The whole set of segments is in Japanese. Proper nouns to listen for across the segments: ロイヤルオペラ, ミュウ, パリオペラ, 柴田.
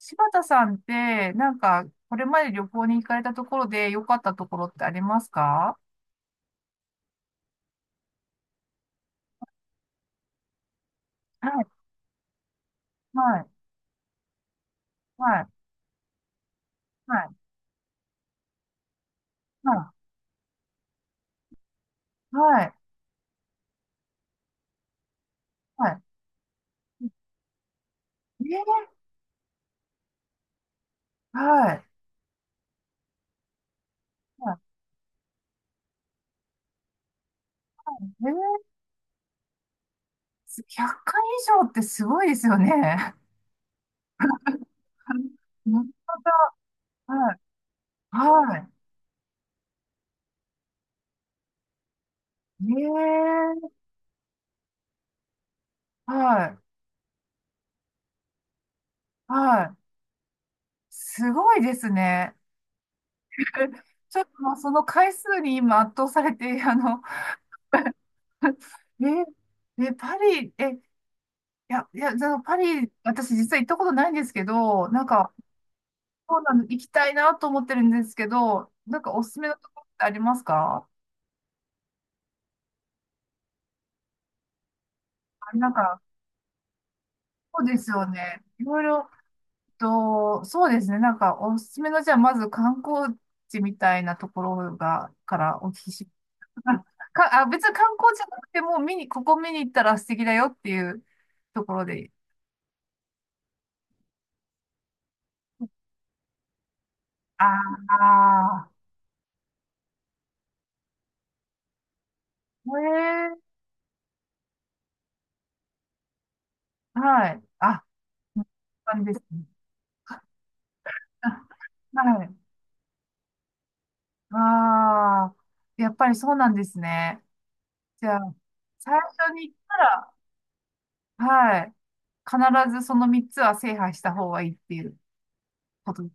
柴田さんって、なんか、これまで旅行に行かれたところで良かったところってありますか？はい、はい、はい、はい、はい、はい、はい。はい、はい。えー、100回以上ってすごいですよね。なるほど。はい、はい。えはい、はい。すごいですね。ちょっともうその回数に今圧倒されて、えパリ、いや、いや、じゃあパリ、私実は行ったことないんですけど、なんか、そうなの、行きたいなと思ってるんですけど、なんかおすすめのところってありますか？あ、なんか、そうですよね。いろいろと、そうですね。なんか、おすすめの、じゃあ、まず観光地みたいなところが、からお聞きし、ああ、別に観光地じゃなくても、見に、ここ見に行ったら素敵だよっていうところで。ああ、ええ、はい。あ、そうなんですね。あ、はい。ああ、やっぱりそうなんですね。じゃあ、最初に言ったら、はい、必ずその3つは制覇した方がいいっていうことです。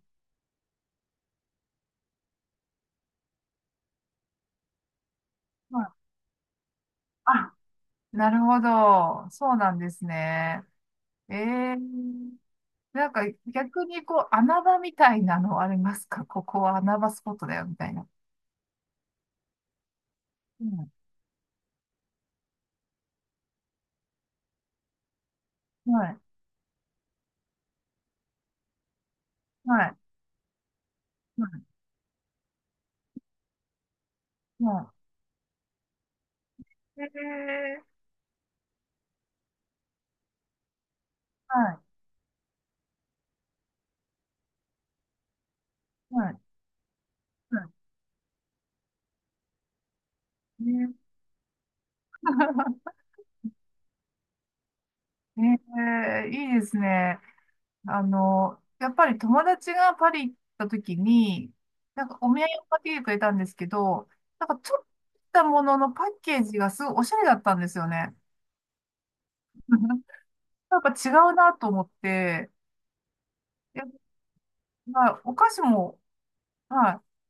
はい。あ、なるほど。そうなんですね。ええ、なんか逆にこう穴場みたいなのありますか？ここは穴場スポットだよみたいな。うん。はい。はい。はい。はい。ええ、はい。はい。はい。ね。 ええ、いいですね。やっぱり友達がパリ行った時に、なんかお土産を買ってきてくれたんですけど、なんかちょっとしたもののパッケージがすごいおしゃれだったんですよね。やっぱ違うなと思って、やっぱお菓子も、はい。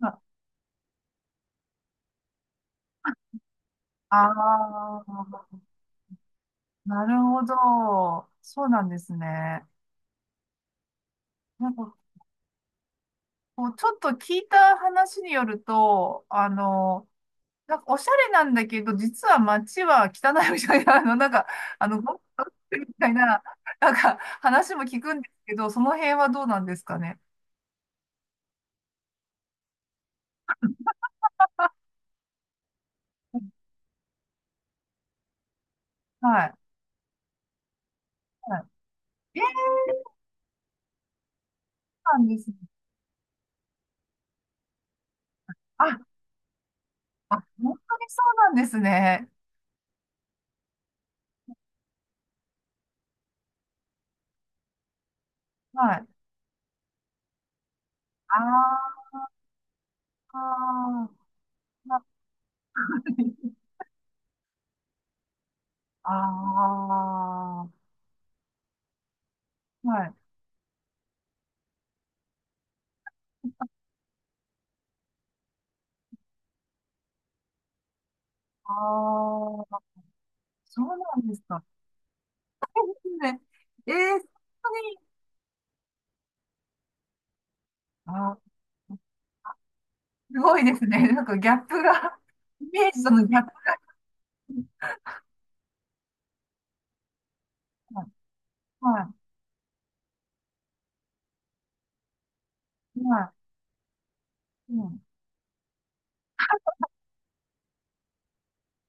まあ、なるほど。そうなんですね。なんかこう、ちょっと聞いた話によると、なんかおしゃれなんだけど、実は街は汚いみたいな、なんか、ゴミが落ちてるみたいな、なんか話も聞くんですけど、その辺はどうなんですかね。うん、はい。はい。そうなんですね。あ、あ、本当にそうなんですね。はい。ああ、ああ、はい。ああ、そうなんですか。ね、えー、本当に、あー、すごいですね。なんかギャップが、イメージとのギャップ。はい。はい。うん。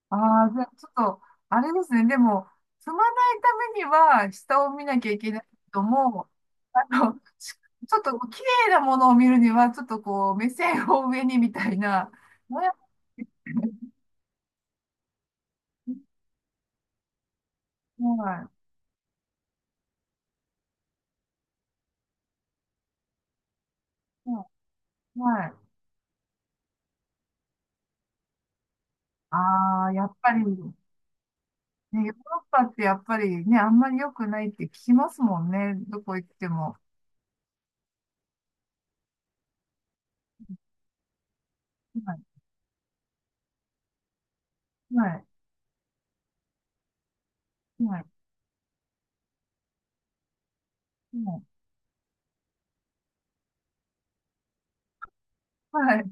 ああ、じゃあちょっと、あれですね。でも、踏まないためには、下を見なきゃいけないけども、あの、しちょっと、綺麗なものを見るには、ちょっとこう、目線を上にみたいな。ね。はい。はい。はい。ああ、やっぱり、ね、ヨーロッパってやっぱりね、あんまり良くないって聞きますもんね。どこ行っても。はい。はい。はい。はい。はい。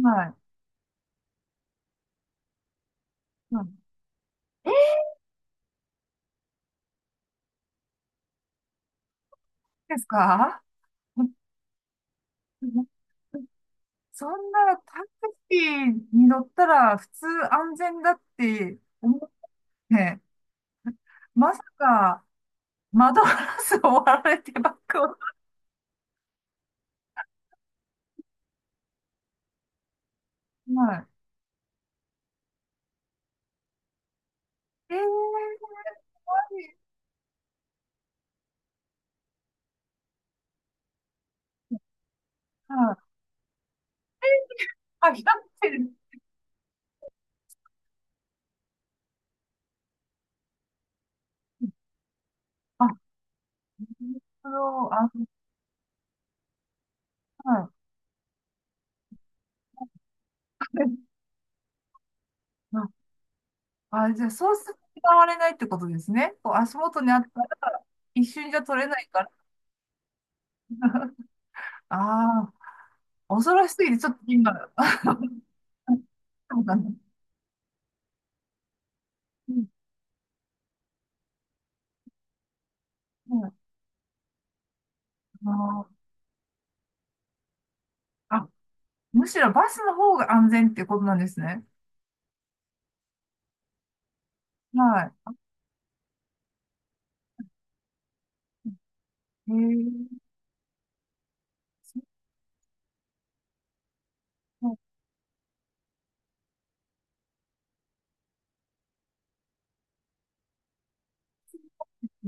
はい。はいですか？そんなタクシーに乗ったら普通安全だって思って、まさか窓ガラスを割られてバッグを。はい。はい。あ、光ってる。あ、その、あ、はい。あ、あ、じゃあそうすると使われないってことですね。こう足元にあったら一瞬じゃ取れないから。ああ、恐ろしすぎてちょっと今、あ、そうかな。うん、うん、あーむしろバスの方が安全っていうことなんですね。はい。へえ、そうな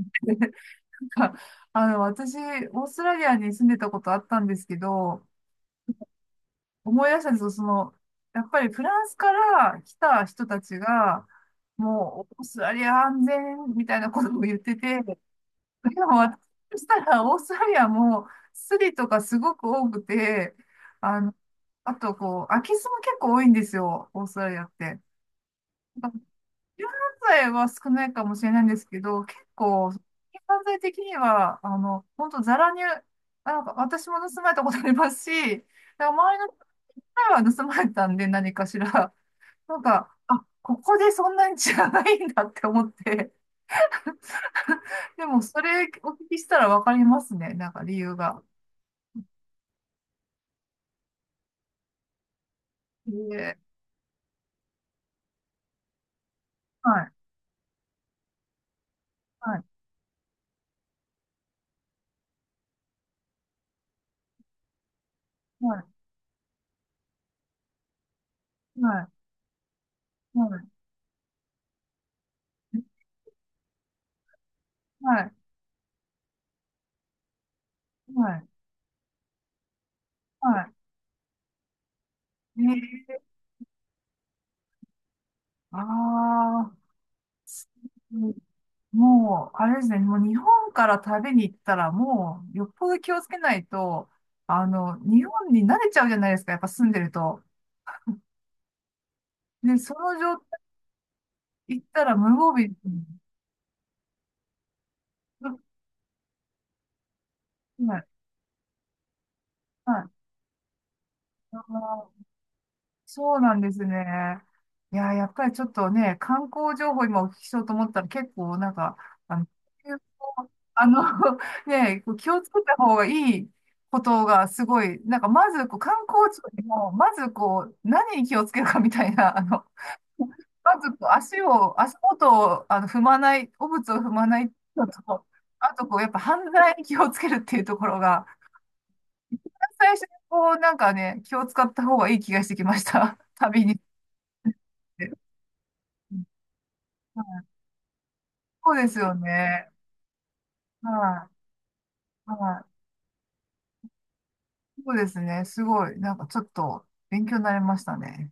んだ。 なんか 私、オーストラリアに住んでたことあったんですけど、思い出したんですよ、やっぱりフランスから来た人たちが、もう、オーストラリア安全みたいなことを言ってて、でも私そしたら、オーストラリアもスリとかすごく多くて、あの、あと、こう、空き巣も結構多いんですよ、オーストラリアって。柔軟剤は少ないかもしれないんですけど、結構、柔軟剤的には、本当ザラに、なんか私も盗まれたことありますし、なんか周りの前は盗まれたんで、何かしら。なんか、あ、ここでそんなにじゃないんだって思って。でも、それお聞きしたらわかりますね。なんか理由が。で、はい、はい、はい、はい、はい、はい、はい。はい。ああ、もう、あれですね、もう日本から旅に行ったら、もう、よっぽど気をつけないと、日本に慣れちゃうじゃないですか、やっぱ住んでると。で、その状態行ったら無防備、うん、はい。はい。そうなんですね。いや、やっぱりちょっとね、観光情報今お聞きしようと思ったら結構なんか、あの、あの ね、こう気をつけた方がいいことがすごい、なんかまずこう観光地よりも、まずこう、何に気をつけるかみたいな、まずこう足を、足元を踏まない、汚物を踏まないのと、あとこう、やっぱ犯罪に気をつけるっていうところが、最初にこう、なんかね、気を使った方がいい気がしてきました。旅に。はい、そうですよね。はい。はい。そうですね。すごい。なんかちょっと勉強になりましたね。